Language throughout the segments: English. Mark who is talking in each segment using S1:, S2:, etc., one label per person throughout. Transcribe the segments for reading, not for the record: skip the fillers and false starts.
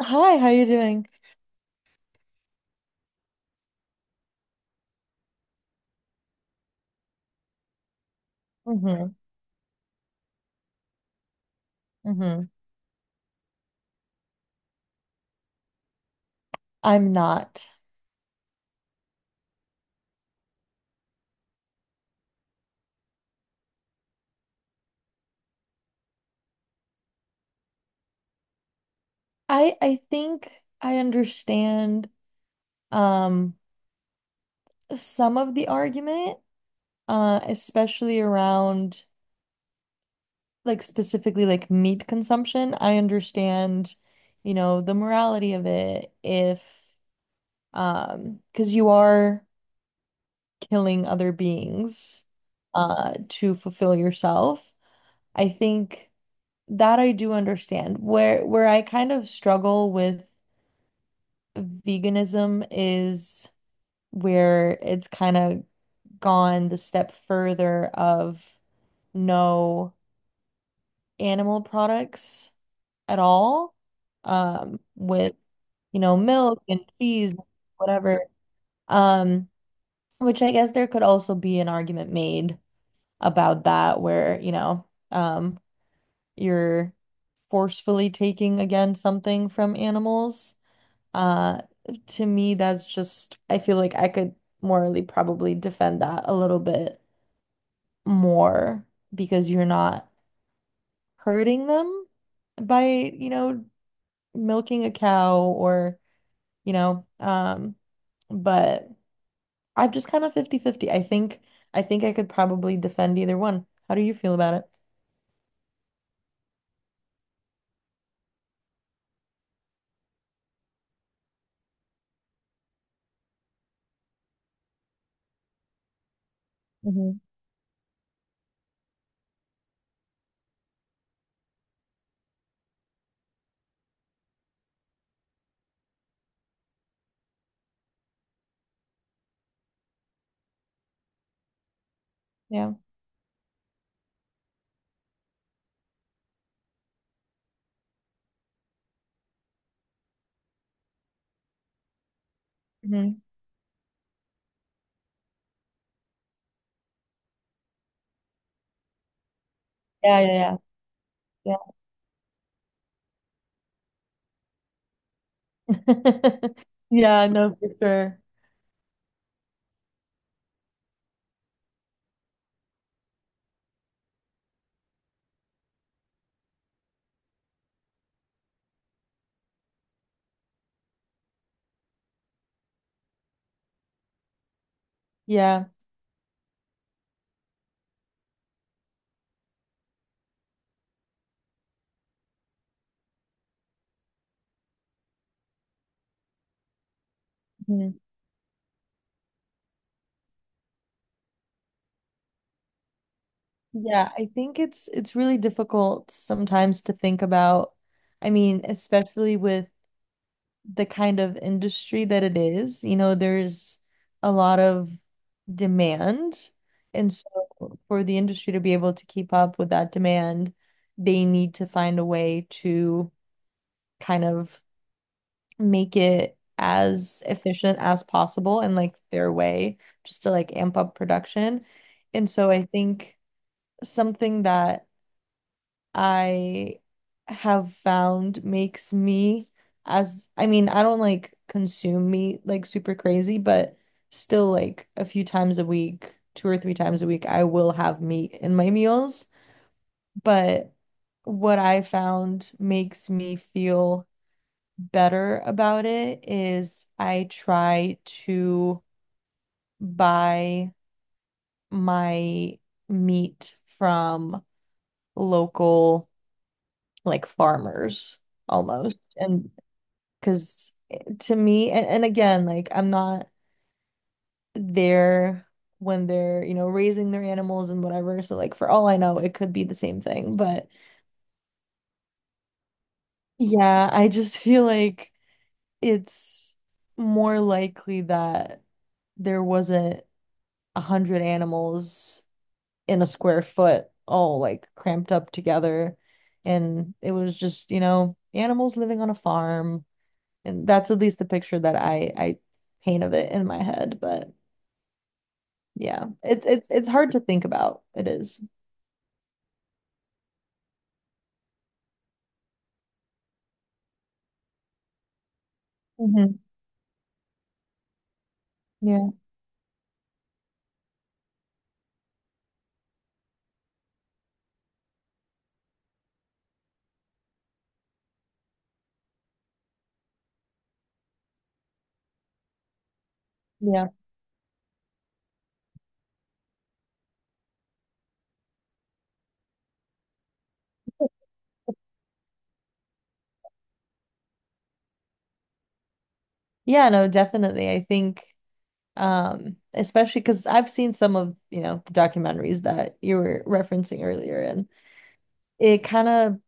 S1: Hi, how you doing? Mm-hmm. Mm-hmm. I'm not. I think I understand um some of the argument, especially around like specifically like meat consumption. I understand, you know, the morality of it if because you are killing other beings to fulfill yourself. I think that I do understand. Where I kind of struggle with veganism is where it's kind of gone the step further of no animal products at all, with, you know, milk and cheese, whatever. Um, which I guess there could also be an argument made about that where, um, you're forcefully taking again something from animals. Uh, to me, that's just, I feel like I could morally probably defend that a little bit more because you're not hurting them by, you know, milking a cow or, you know, um, but I'm just kind of fifty fifty. I think I could probably defend either one. How do you feel about it? Hmm. Yeah. Hmm. Yeah, yeah, yeah. Yeah. Yeah, no, for sure. Yeah. Mhm. Yeah, I think it's really difficult sometimes to think about. I mean, especially with the kind of industry that it is. You know, there's a lot of demand. And so for the industry to be able to keep up with that demand, they need to find a way to kind of make it as efficient as possible and like their way, just to like amp up production. And so I think something that I have found makes me as I mean, I don't like consume meat like super crazy, but still like a few times a week, two or three times a week, I will have meat in my meals. But what I found makes me feel better about it is I try to buy my meat from local like farmers almost. And because to me, and again, like I'm not there when they're, you know, raising their animals and whatever. So, like, for all I know, it could be the same thing. But yeah, I just feel like it's more likely that there wasn't a hundred animals in a square foot all like cramped up together. And it was just, you know, animals living on a farm, and that's at least the picture that I paint of it in my head. But yeah, it's hard to think about. It is. Mhm. Yeah, yeah. Yeah, no, definitely. I think especially because I've seen some of, you know, the documentaries that you were referencing earlier. And it kind of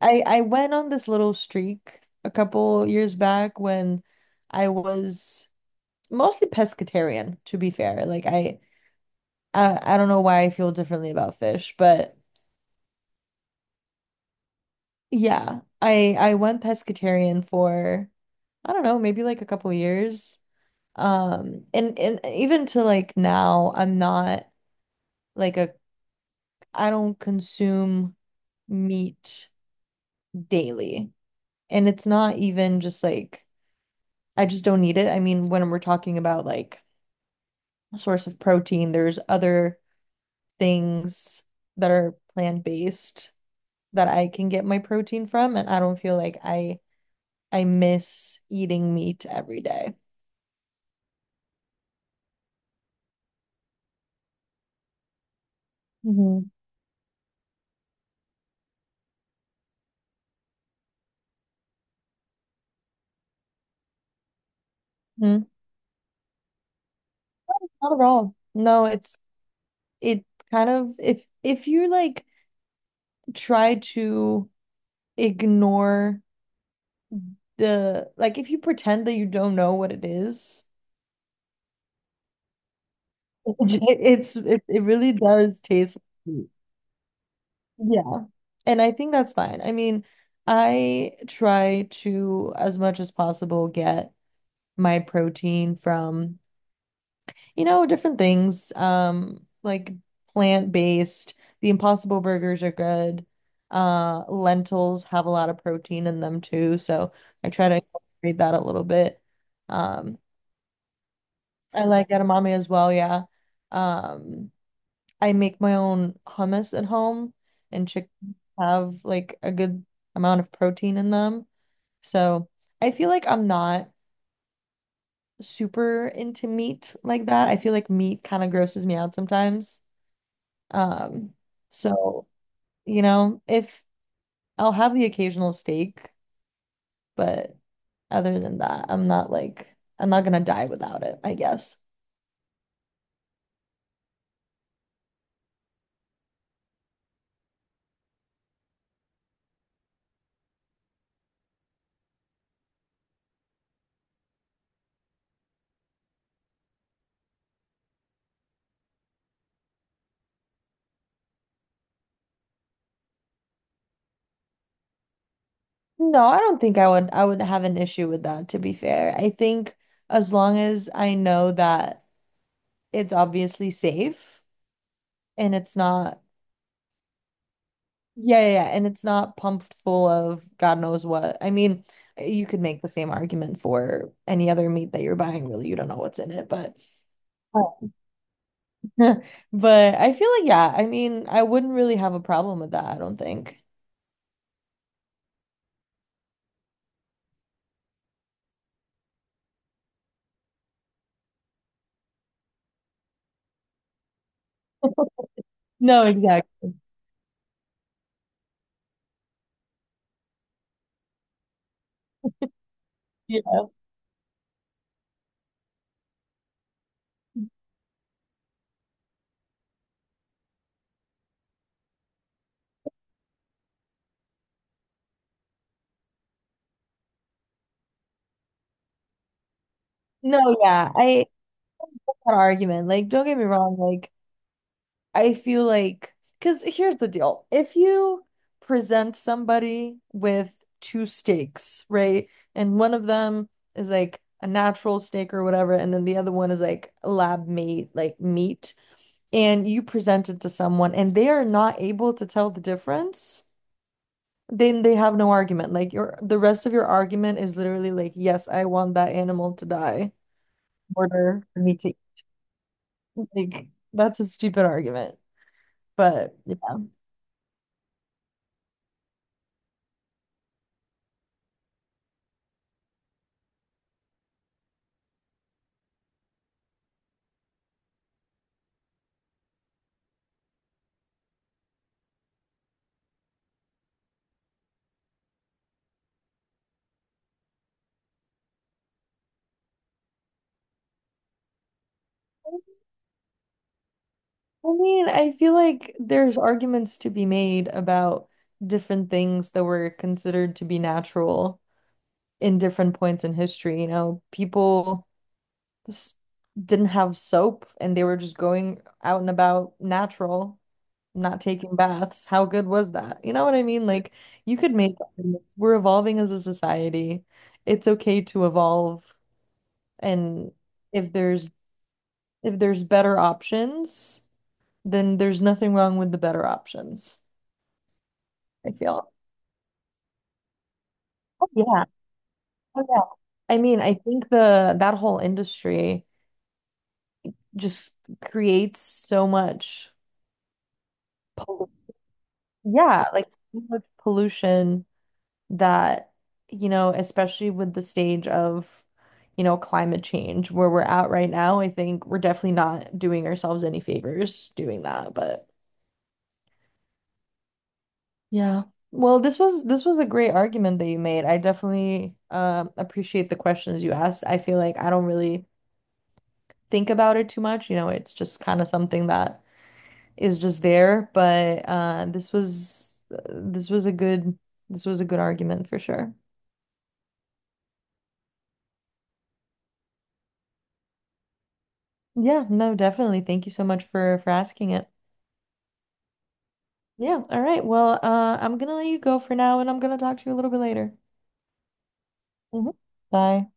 S1: I went on this little streak a couple years back when I was mostly pescatarian, to be fair. I don't know why I feel differently about fish. But yeah, I went pescatarian for I don't know, maybe like a couple years. And even to like now, I'm not like a I don't consume meat daily. And it's not even just like I just don't need it. I mean, when we're talking about like a source of protein, there's other things that are plant-based that I can get my protein from, and I don't feel like I miss eating meat every day. Hmm. Not at all. No, it kind of if you like try to ignore the like if you pretend that you don't know what it is, it really does taste like meat. Yeah. And I think that's fine. I mean, I try to as much as possible get my protein from you know, different things. Like plant-based, the Impossible burgers are good. Lentils have a lot of protein in them too, so I try to incorporate that a little bit. Um, I like edamame as well, yeah. Um, I make my own hummus at home, and chickens have like a good amount of protein in them. So I feel like I'm not super into meat like that. I feel like meat kind of grosses me out sometimes. Um, so, you know, if I'll have the occasional steak, but other than that, I'm not gonna die without it, I guess. No, I don't think I would have an issue with that, to be fair. I think as long as I know that it's obviously safe and it's not yeah, yeah, yeah, and it's not pumped full of God knows what. I mean, you could make the same argument for any other meat that you're buying, really. You don't know what's in it, but but I feel like, yeah, I mean, I wouldn't really have a problem with that, I don't think. No, exactly. Yeah. No, yeah, I that argument. Like, don't get me wrong. Like, I feel like, because here's the deal. If you present somebody with two steaks, right? And one of them is like a natural steak or whatever, and then the other one is like lab made, like meat, and you present it to someone and they are not able to tell the difference. Then they have no argument. Like your the rest of your argument is literally like, yes, I want that animal to die in order for me to eat. Like that's a stupid argument. But yeah. I mean, I feel like there's arguments to be made about different things that were considered to be natural in different points in history. You know, people s- didn't have soap and they were just going out and about natural. Not taking baths. How good was that? You know what I mean? Like you could make arguments. We're evolving as a society. It's okay to evolve. And if there's if there's better options, then there's nothing wrong with the better options, I feel. Oh yeah. Oh yeah. I mean, I think the that whole industry just creates so much pollu- yeah, like so much pollution that, you know, especially with the stage of, you know, climate change where we're at right now, I think we're definitely not doing ourselves any favors doing that. But yeah. Well, this was a great argument that you made. I definitely appreciate the questions you asked. I feel like I don't really think about it too much. You know, it's just kind of something that is just there. But this was a good argument for sure. Yeah, no, definitely. Thank you so much for asking it. Yeah. All right. Well, I'm gonna let you go for now, and I'm gonna talk to you a little bit later. Mhm. Bye.